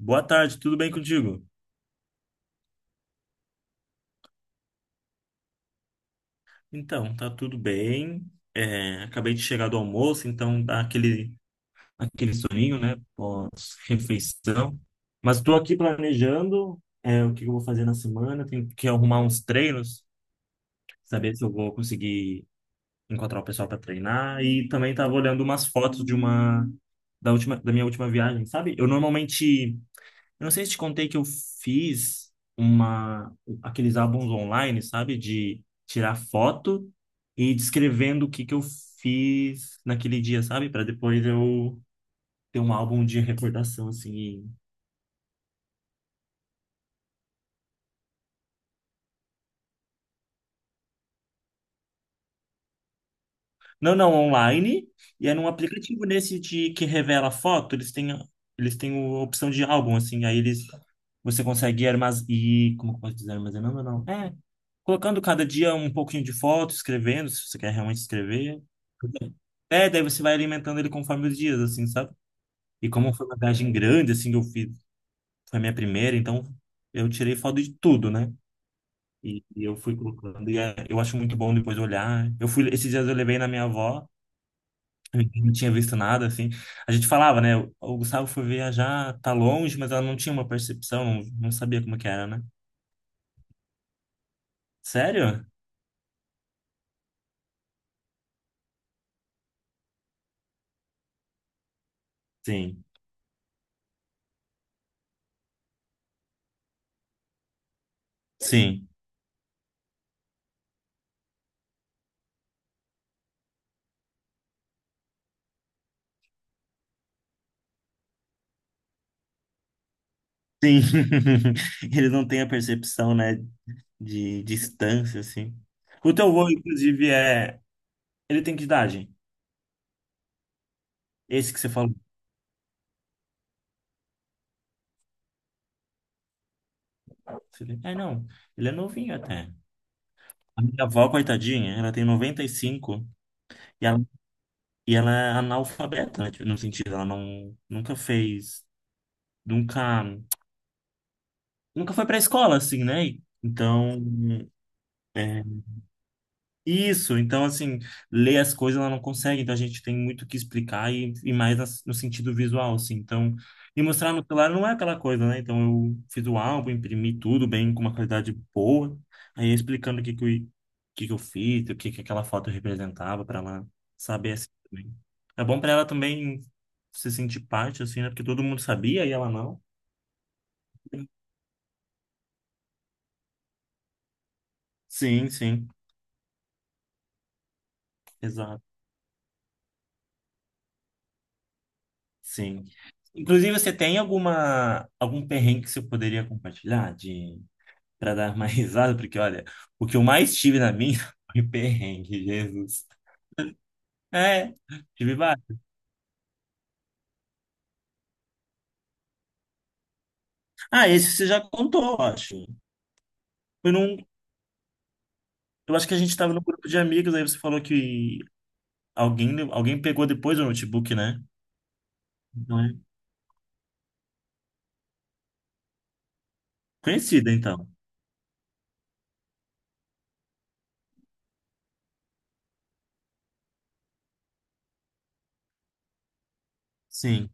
Boa tarde, tudo bem contigo? Então, tá tudo bem. É, acabei de chegar do almoço, então dá aquele soninho, né? Pós-refeição. Mas estou aqui planejando, o que eu vou fazer na semana. Tenho que arrumar uns treinos, saber se eu vou conseguir encontrar o pessoal para treinar. E também estava olhando umas fotos de uma da última, da minha última viagem, sabe? Eu não sei se te contei que eu fiz uma aqueles álbuns online, sabe, de tirar foto e descrevendo o que que eu fiz naquele dia, sabe, para depois eu ter um álbum de recordação assim. Não, não, online. E é num aplicativo nesse de que revela foto, eles têm a opção de álbum assim, aí eles você consegue armazenar e como que eu posso dizer, armazenando ou não? É, colocando cada dia um pouquinho de foto, escrevendo, se você quer realmente escrever. É, daí você vai alimentando ele conforme os dias, assim, sabe? E como foi uma viagem grande, assim, que eu fiz, foi a minha primeira, então eu tirei foto de tudo, né? E eu fui colocando, e eu acho muito bom depois olhar. Eu fui, esses dias eu levei na minha avó, eu não tinha visto nada, assim. A gente falava, né? O Gustavo foi viajar, tá longe, mas ela não tinha uma percepção, não, não sabia como que era, né? Sério? Sim, sim, sim. Ele não tem a percepção, né, de distância, assim. O teu avô, inclusive, é. Ele tem que idade? Esse que você falou? É, não. Ele é novinho até. A minha avó, coitadinha, ela tem 95 e cinco e ela é analfabeta, né? Tipo, no sentido, ela não, nunca fez, nunca, nunca foi pra escola, assim, né? Então, é, isso, então assim, ler as coisas ela não consegue, então a gente tem muito o que explicar e mais no sentido visual, assim. Então, e mostrar no celular não é aquela coisa, né? Então eu fiz o álbum, imprimi tudo bem, com uma qualidade boa, aí explicando o que que eu fiz, o que que aquela foto representava para ela saber assim também. É bom para ela também se sentir parte, assim, né? Porque todo mundo sabia e ela não. Sim, sim, exato. Sim. Inclusive, você tem algum perrengue que você poderia compartilhar de para dar mais risada? Porque, olha, o que eu mais tive na minha foi perrengue, Jesus. É, tive vários. Ah, esse você já contou, eu acho. Foi num, eu acho que a gente estava num grupo de amigos, aí você falou que alguém pegou depois o notebook, né? Não é? Conhecida, então. Sim,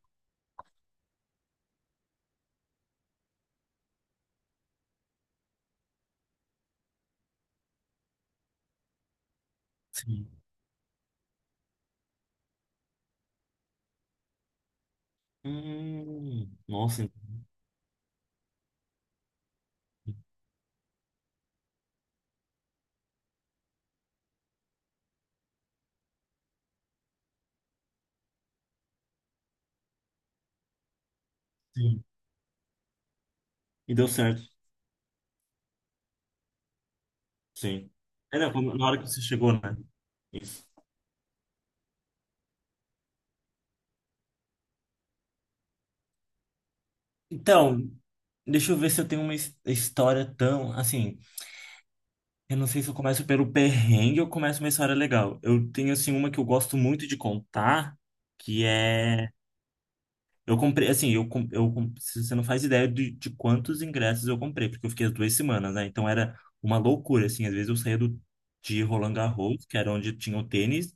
sim. Nossa, sim. E deu certo, sim. É, não, na hora que você chegou, né? Então, deixa eu ver se eu tenho uma história tão, assim, eu não sei se eu começo pelo perrengue ou começo uma história legal. Eu tenho, assim, uma que eu gosto muito de contar, que é, eu comprei, assim, você não faz ideia de quantos ingressos eu comprei, porque eu fiquei as 2 semanas, né? Então era uma loucura, assim, às vezes eu saía de Roland Garros, que era onde tinha o tênis,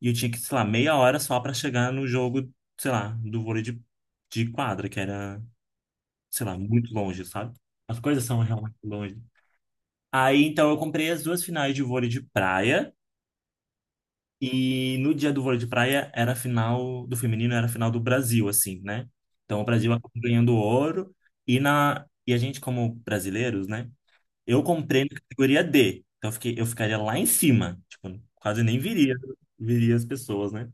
e eu tinha que, sei lá, meia hora só para chegar no jogo, sei lá, do vôlei de quadra, que era sei lá, muito longe, sabe? As coisas são realmente longe. Aí, então, eu comprei as duas finais de vôlei de praia. E no dia do vôlei de praia era a final do feminino, era a final do Brasil, assim, né? Então, o Brasil acabou ganhando ouro. E a gente, como brasileiros, né? Eu comprei na categoria D. Então eu fiquei, eu ficaria lá em cima. Tipo, quase nem viria as pessoas, né?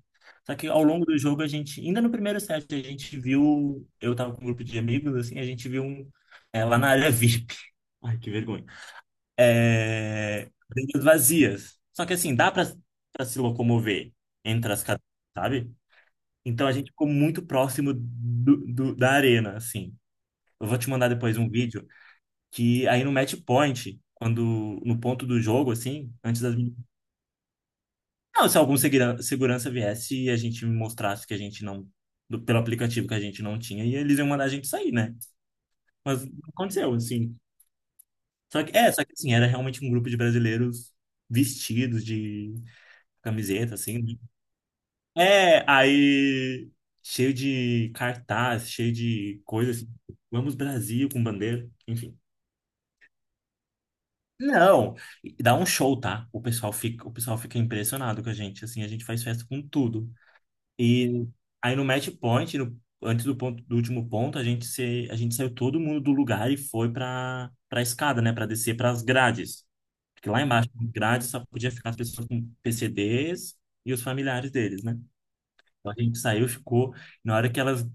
Só que ao longo do jogo a gente, ainda no primeiro set, a gente viu, eu tava com um grupo de amigos, assim, a gente viu um, lá na área VIP. Ai, que vergonha. É, cadeiras vazias. Só que assim, dá pra se locomover entre as cadeiras, sabe? Então a gente ficou muito próximo da arena, assim. Eu vou te mandar depois um vídeo que aí no match point, quando no ponto do jogo, assim, antes das. Não, se segurança viesse e a gente mostrasse que a gente não. Pelo aplicativo que a gente não tinha, e eles iam mandar a gente sair, né? Mas não aconteceu, assim. Só que, só que assim, era realmente um grupo de brasileiros vestidos de camiseta, assim, né? É, aí. Cheio de cartaz, cheio de coisa assim. Vamos Brasil com bandeira, enfim. Não, e dá um show, tá? O pessoal fica impressionado com a gente, assim, a gente faz festa com tudo. E aí no match point, antes do ponto, do último ponto, a gente se, a gente saiu todo mundo do lugar e foi pra para escada, né, pra descer pras grades. Porque lá embaixo, nas grades, só podia ficar as pessoas com PCDs e os familiares deles, né? Então a gente saiu, ficou. Na hora que elas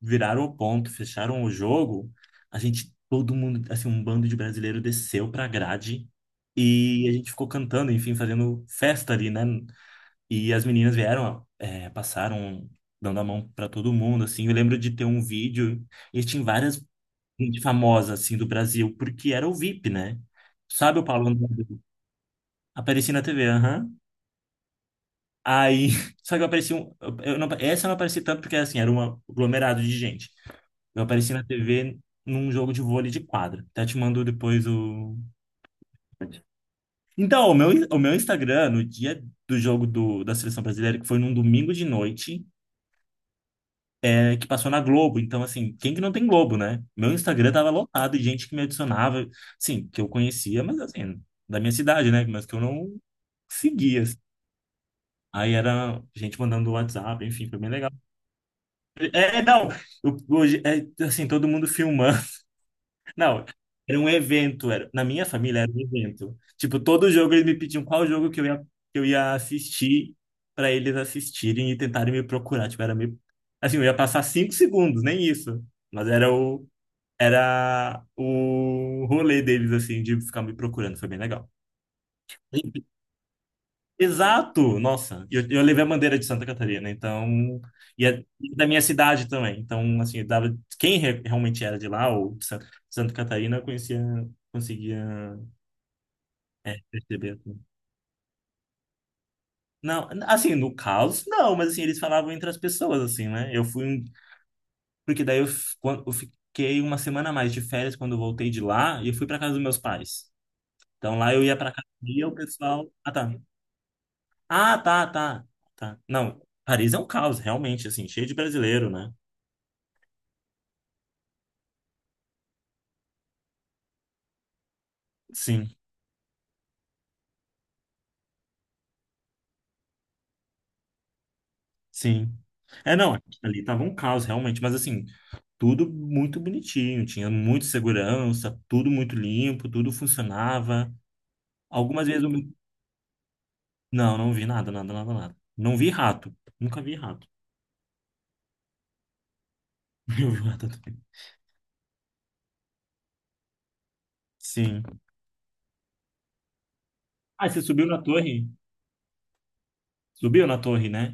viraram o ponto, fecharam o jogo, a gente, todo mundo, assim, um bando de brasileiro desceu pra grade e a gente ficou cantando, enfim, fazendo festa ali, né? E as meninas vieram, passaram dando a mão pra todo mundo, assim. Eu lembro de ter um vídeo e tinha várias gente famosa, assim, do Brasil, porque era o VIP, né? Sabe o Paulo André? Aparecia na TV, aham. Aí, só que eu apareci um, eu não, essa eu não apareci tanto porque assim, era um aglomerado de gente. Eu apareci na TV num jogo de vôlei de quadra. Até te mando depois o. Então, o meu Instagram, no dia do jogo da Seleção Brasileira, que foi num domingo de noite, que passou na Globo. Então, assim, quem que não tem Globo, né? Meu Instagram tava lotado de gente que me adicionava, assim, que eu conhecia, mas assim, da minha cidade, né? Mas que eu não seguia, assim. Aí era gente mandando WhatsApp, enfim, foi bem legal. É, não, hoje, assim, todo mundo filmando. Não, era um evento, era, na minha família era um evento. Tipo, todo jogo eles me pediam qual jogo que eu ia assistir para eles assistirem e tentarem me procurar. Tipo, era meio, assim, eu ia passar 5 segundos, nem isso. Mas era o rolê deles, assim, de ficar me procurando, foi bem legal. Exato! Nossa, eu levei a bandeira de Santa Catarina, então. E é da minha cidade também. Então, assim, eu dava, quem realmente era de lá, ou de Santa Catarina, eu conhecia, conseguia perceber, assim. Não, assim, no caos, não, mas assim, eles falavam entre as pessoas, assim, né? Eu fui. Porque daí eu fiquei uma semana a mais de férias quando eu voltei de lá e eu fui para casa dos meus pais. Então lá eu ia para casa e o pessoal. Ah, tá. Ah, tá, tá. Tá. Não. Paris é um caos, realmente, assim, cheio de brasileiro, né? Sim, sim. É, não, ali tava um caos realmente, mas assim, tudo muito bonitinho, tinha muita segurança, tudo muito limpo, tudo funcionava. Algumas vezes eu... Não, não vi nada, nada, nada, nada. Não vi rato. Nunca vi rato. Eu vi rato também. Sim. Ah, você subiu na torre? Subiu na torre, né?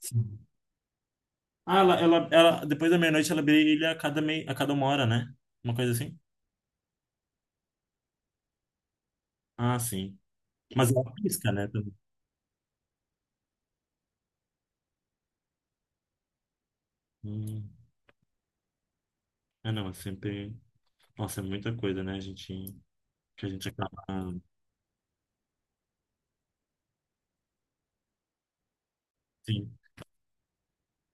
Sim. Ah, depois da meia-noite ela brilha a cada uma hora, né? Uma coisa assim? Ah, sim. Mas ela pisca, né? Também. Hum. Ah, não, é sempre. Nossa, é muita coisa, né, gente, que a gente acaba. Sim.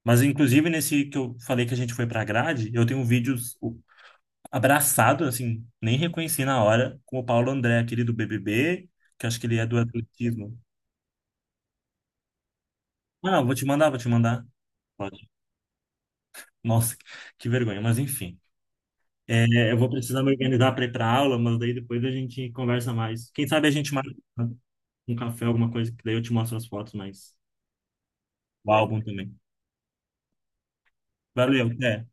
Mas, inclusive, nesse que eu falei que a gente foi pra grade, eu tenho vídeos abraçado, assim, nem reconheci na hora, com o Paulo André, aquele do BBB, que acho que ele é do atletismo. Ah, vou te mandar, vou te mandar. Pode. Nossa, que vergonha, mas enfim. É, eu vou precisar me organizar para ir para aula, mas daí depois a gente conversa mais. Quem sabe a gente marca um café, alguma coisa, que daí eu te mostro as fotos, mas o álbum também. Valeu, até.